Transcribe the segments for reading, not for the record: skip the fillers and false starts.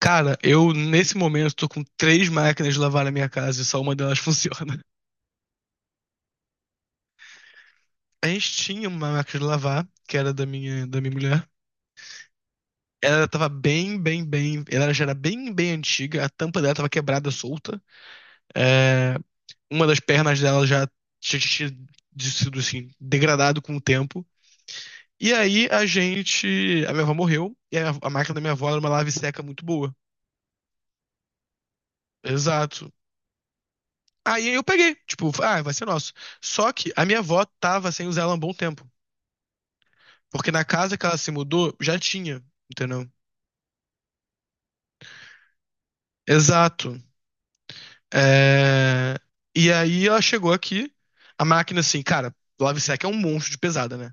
Cara, eu nesse momento tô com 3 máquinas de lavar na minha casa e só uma delas funciona. A gente tinha uma máquina de lavar, que era da minha mulher. Ela tava bem, bem, bem. Ela já era bem, bem antiga. A tampa dela tava quebrada, solta. É, uma das pernas dela já tinha tinha sido assim, degradado com o tempo. E aí a gente. A minha avó morreu. E a máquina da minha avó era uma lave seca muito boa. Exato. Aí eu peguei. Tipo, ah, vai ser nosso. Só que a minha avó tava sem usar ela há um bom tempo. Porque na casa que ela se mudou, já tinha, entendeu? Exato. É. E aí ela chegou aqui, a máquina assim, cara, Lovesac é um monstro de pesada, né?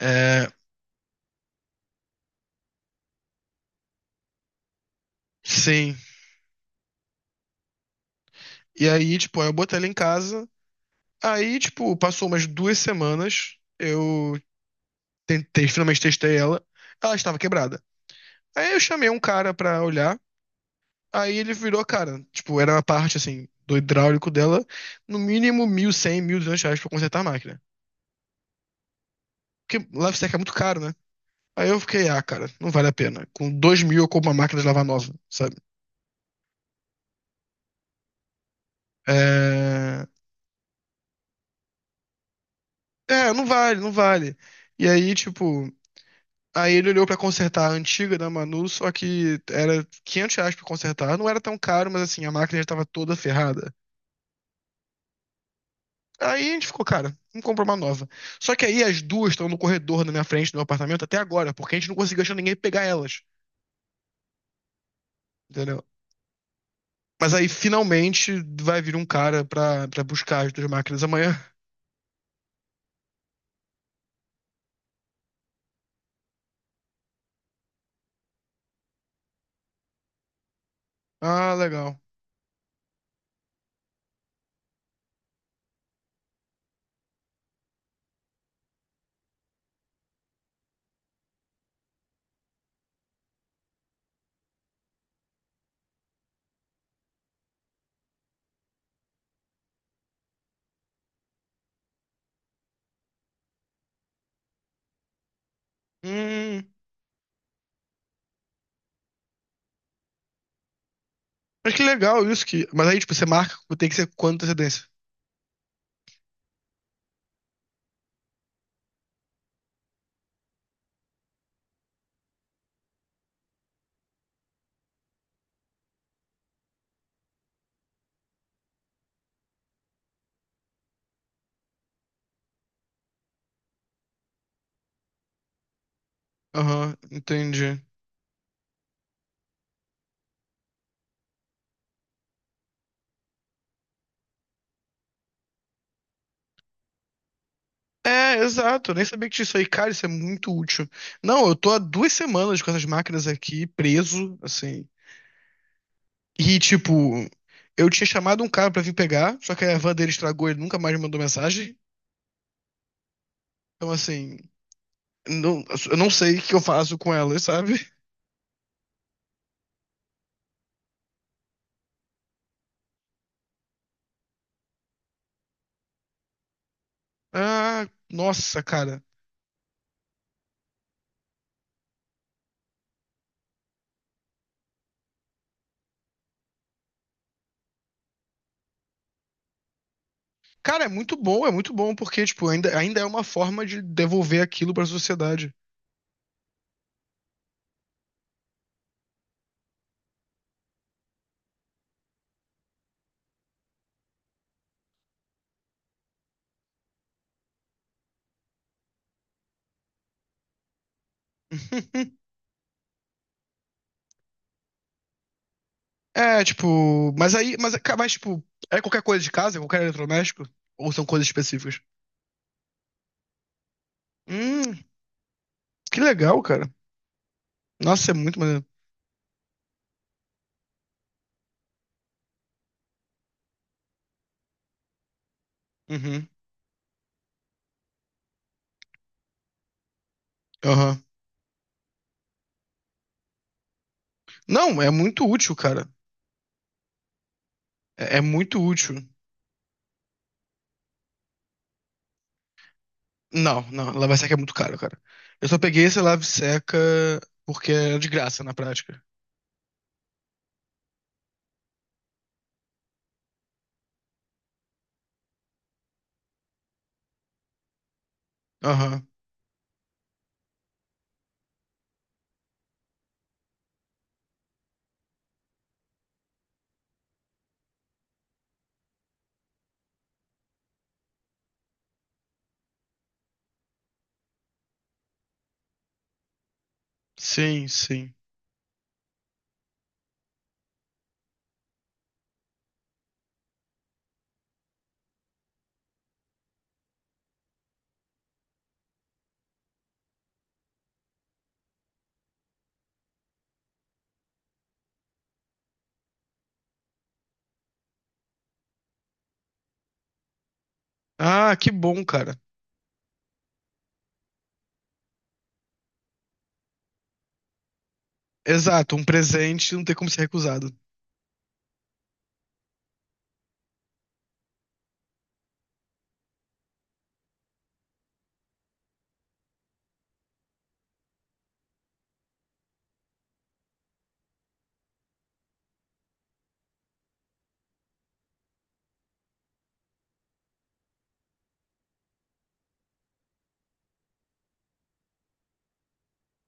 É, sim. E aí, tipo, eu botei ela em casa. Aí, tipo, passou umas 2 semanas, eu tentei, finalmente testei ela. Ela estava quebrada. Aí eu chamei um cara pra olhar. Aí ele virou, cara, tipo, era uma parte, assim, do hidráulico dela, no mínimo 1.100, 200 reais pra consertar a máquina. Porque Lovesac é muito caro, né? Aí eu fiquei, ah, cara, não vale a pena. Com 2 mil eu compro uma máquina de lavar nova, sabe? É, é, não vale, não vale. E aí, tipo, aí ele olhou pra consertar a antiga da Manu, só que era 500 reais pra consertar. Não era tão caro, mas assim, a máquina já tava toda ferrada. Aí a gente ficou, cara, vamos comprar uma nova. Só que aí as 2 estão no corredor na minha frente, no meu apartamento, até agora, porque a gente não conseguiu achar ninguém pra pegar elas, entendeu? Mas aí finalmente vai vir um cara pra, buscar as 2 máquinas amanhã. Ah, legal. Hum, Mas que legal isso que. Mas aí, tipo, você marca, tem que ser com quanta antecedência? Aham, entendi. É, exato. Eu nem sabia que tinha isso aí, cara, isso é muito útil. Não, eu tô há 2 semanas com essas máquinas aqui, preso, assim. E, tipo, eu tinha chamado um cara pra vir pegar, só que a van dele estragou, e ele nunca mais me mandou mensagem. Então, assim, não- eu não sei o que eu faço com elas, sabe? Ah, nossa, cara. Cara, é muito bom, porque, tipo, ainda, ainda é uma forma de devolver aquilo pra sociedade. É, tipo, mas aí, mas tipo, é qualquer coisa de casa, é qualquer eletrodoméstico? Ou são coisas específicas? Hum, que legal, cara. Nossa, é muito maneiro. Uhum, aham. Não, é muito útil, cara. É, muito útil. Não, não, lava-seca é muito caro, cara. Eu só peguei esse lava-seca porque é de graça na prática. Aham. Sim, sim. Ah, que bom, cara. Exato, um presente não tem como ser recusado.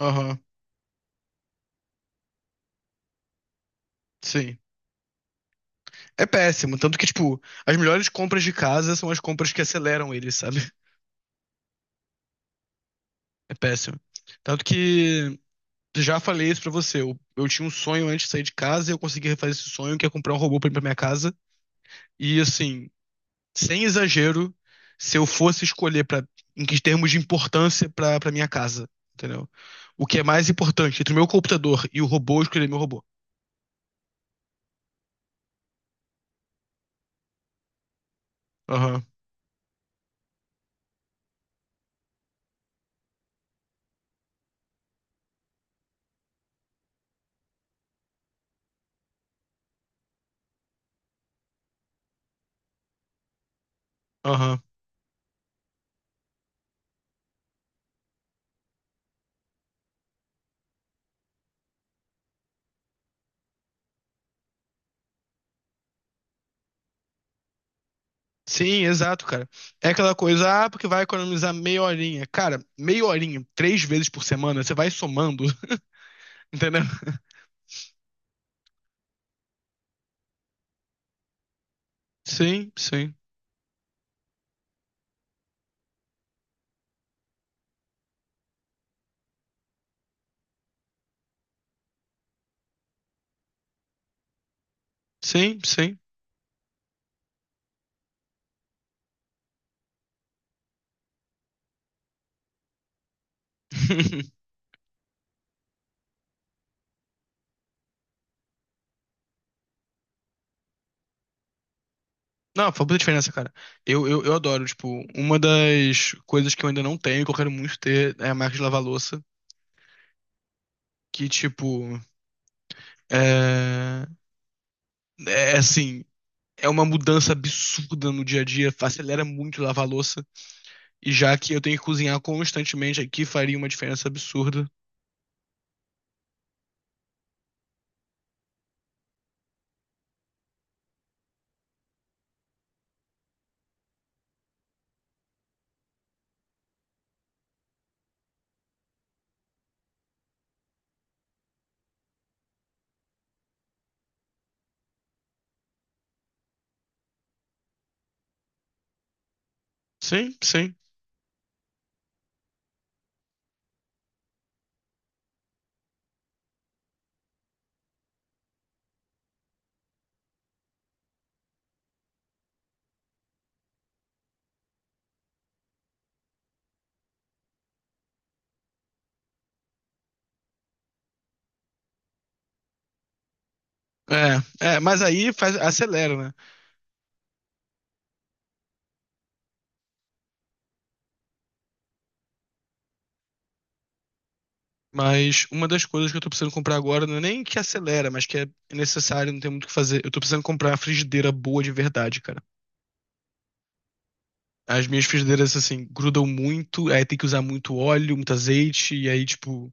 Aham, sim. É péssimo. Tanto que, tipo, as melhores compras de casa são as compras que aceleram ele, sabe? É péssimo. Tanto que, já falei isso pra você. Eu tinha um sonho antes de sair de casa e eu consegui refazer esse sonho, que é comprar um robô pra ir pra minha casa. E, assim, sem exagero, se eu fosse escolher pra, em que termos de importância pra, pra minha casa, entendeu? O que é mais importante entre o meu computador e o robô, eu escolheria meu robô. Aham, aham. Sim, exato, cara. É aquela coisa, ah, porque vai economizar meia horinha. Cara, meia horinha, 3 vezes por semana, você vai somando, entendeu? Sim, sim, sim, sim. Não, faz muita diferença, cara. Eu adoro, tipo, uma das coisas que eu ainda não tenho, que eu quero muito ter, é a máquina de lavar louça, que, tipo, é, é assim, é uma mudança absurda no dia a dia, acelera muito lavar louça, e já que eu tenho que cozinhar constantemente aqui, faria uma diferença absurda. Sim, sim. É, mas aí faz, acelera, né? Mas uma das coisas que eu tô precisando comprar agora não é nem que acelera, mas que é necessário, não tem muito o que fazer. Eu tô precisando comprar uma frigideira boa de verdade, cara. As minhas frigideiras, assim, grudam muito, aí tem que usar muito óleo, muito azeite, e aí, tipo,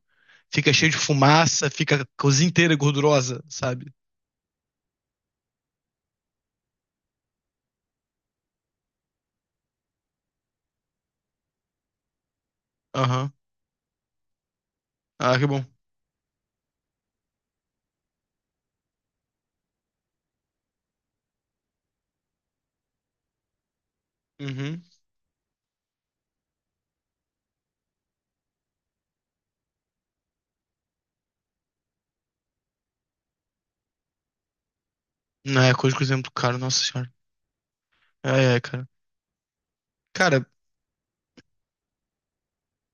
fica cheio de fumaça, fica a cozinha inteira gordurosa, sabe? Aham. Ah, que bom. Uhum. Não, é coisa que cozinha muito caro, nossa senhora. É, cara. Cara,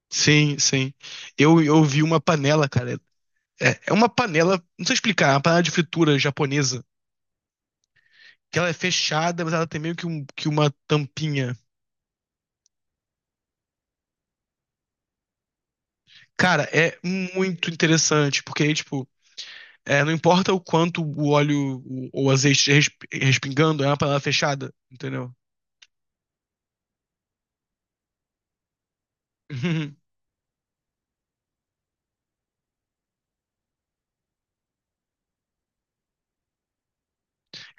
sim, sim. Eu vi uma panela, cara. É, uma panela, não sei explicar, é uma panela de fritura japonesa. Que ela é fechada, mas ela tem meio que, que uma tampinha. Cara, é muito interessante, porque aí, tipo, é, não importa o quanto o óleo ou o azeite respingando, é uma panela fechada, entendeu?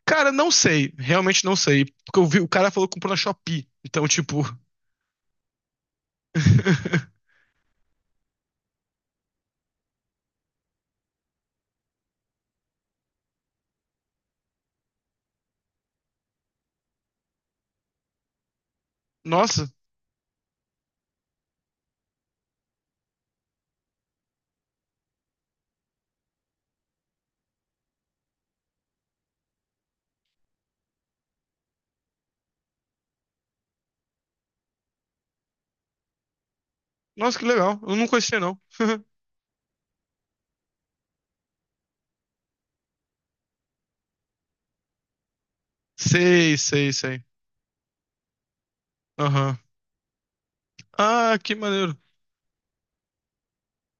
Cara, não sei, realmente não sei. Porque eu vi, o cara falou que comprou na Shopee. Então, tipo. Nossa, nossa, que legal. Eu não conhecia, não. Sei, sei, sei. Aham. Ah, que maneiro,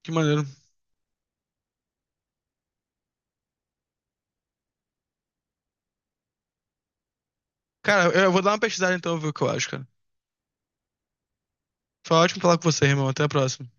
que maneiro. Cara, eu vou dar uma pesquisada então, ver o que eu acho, cara. Foi ótimo falar com você, irmão. Até a próxima.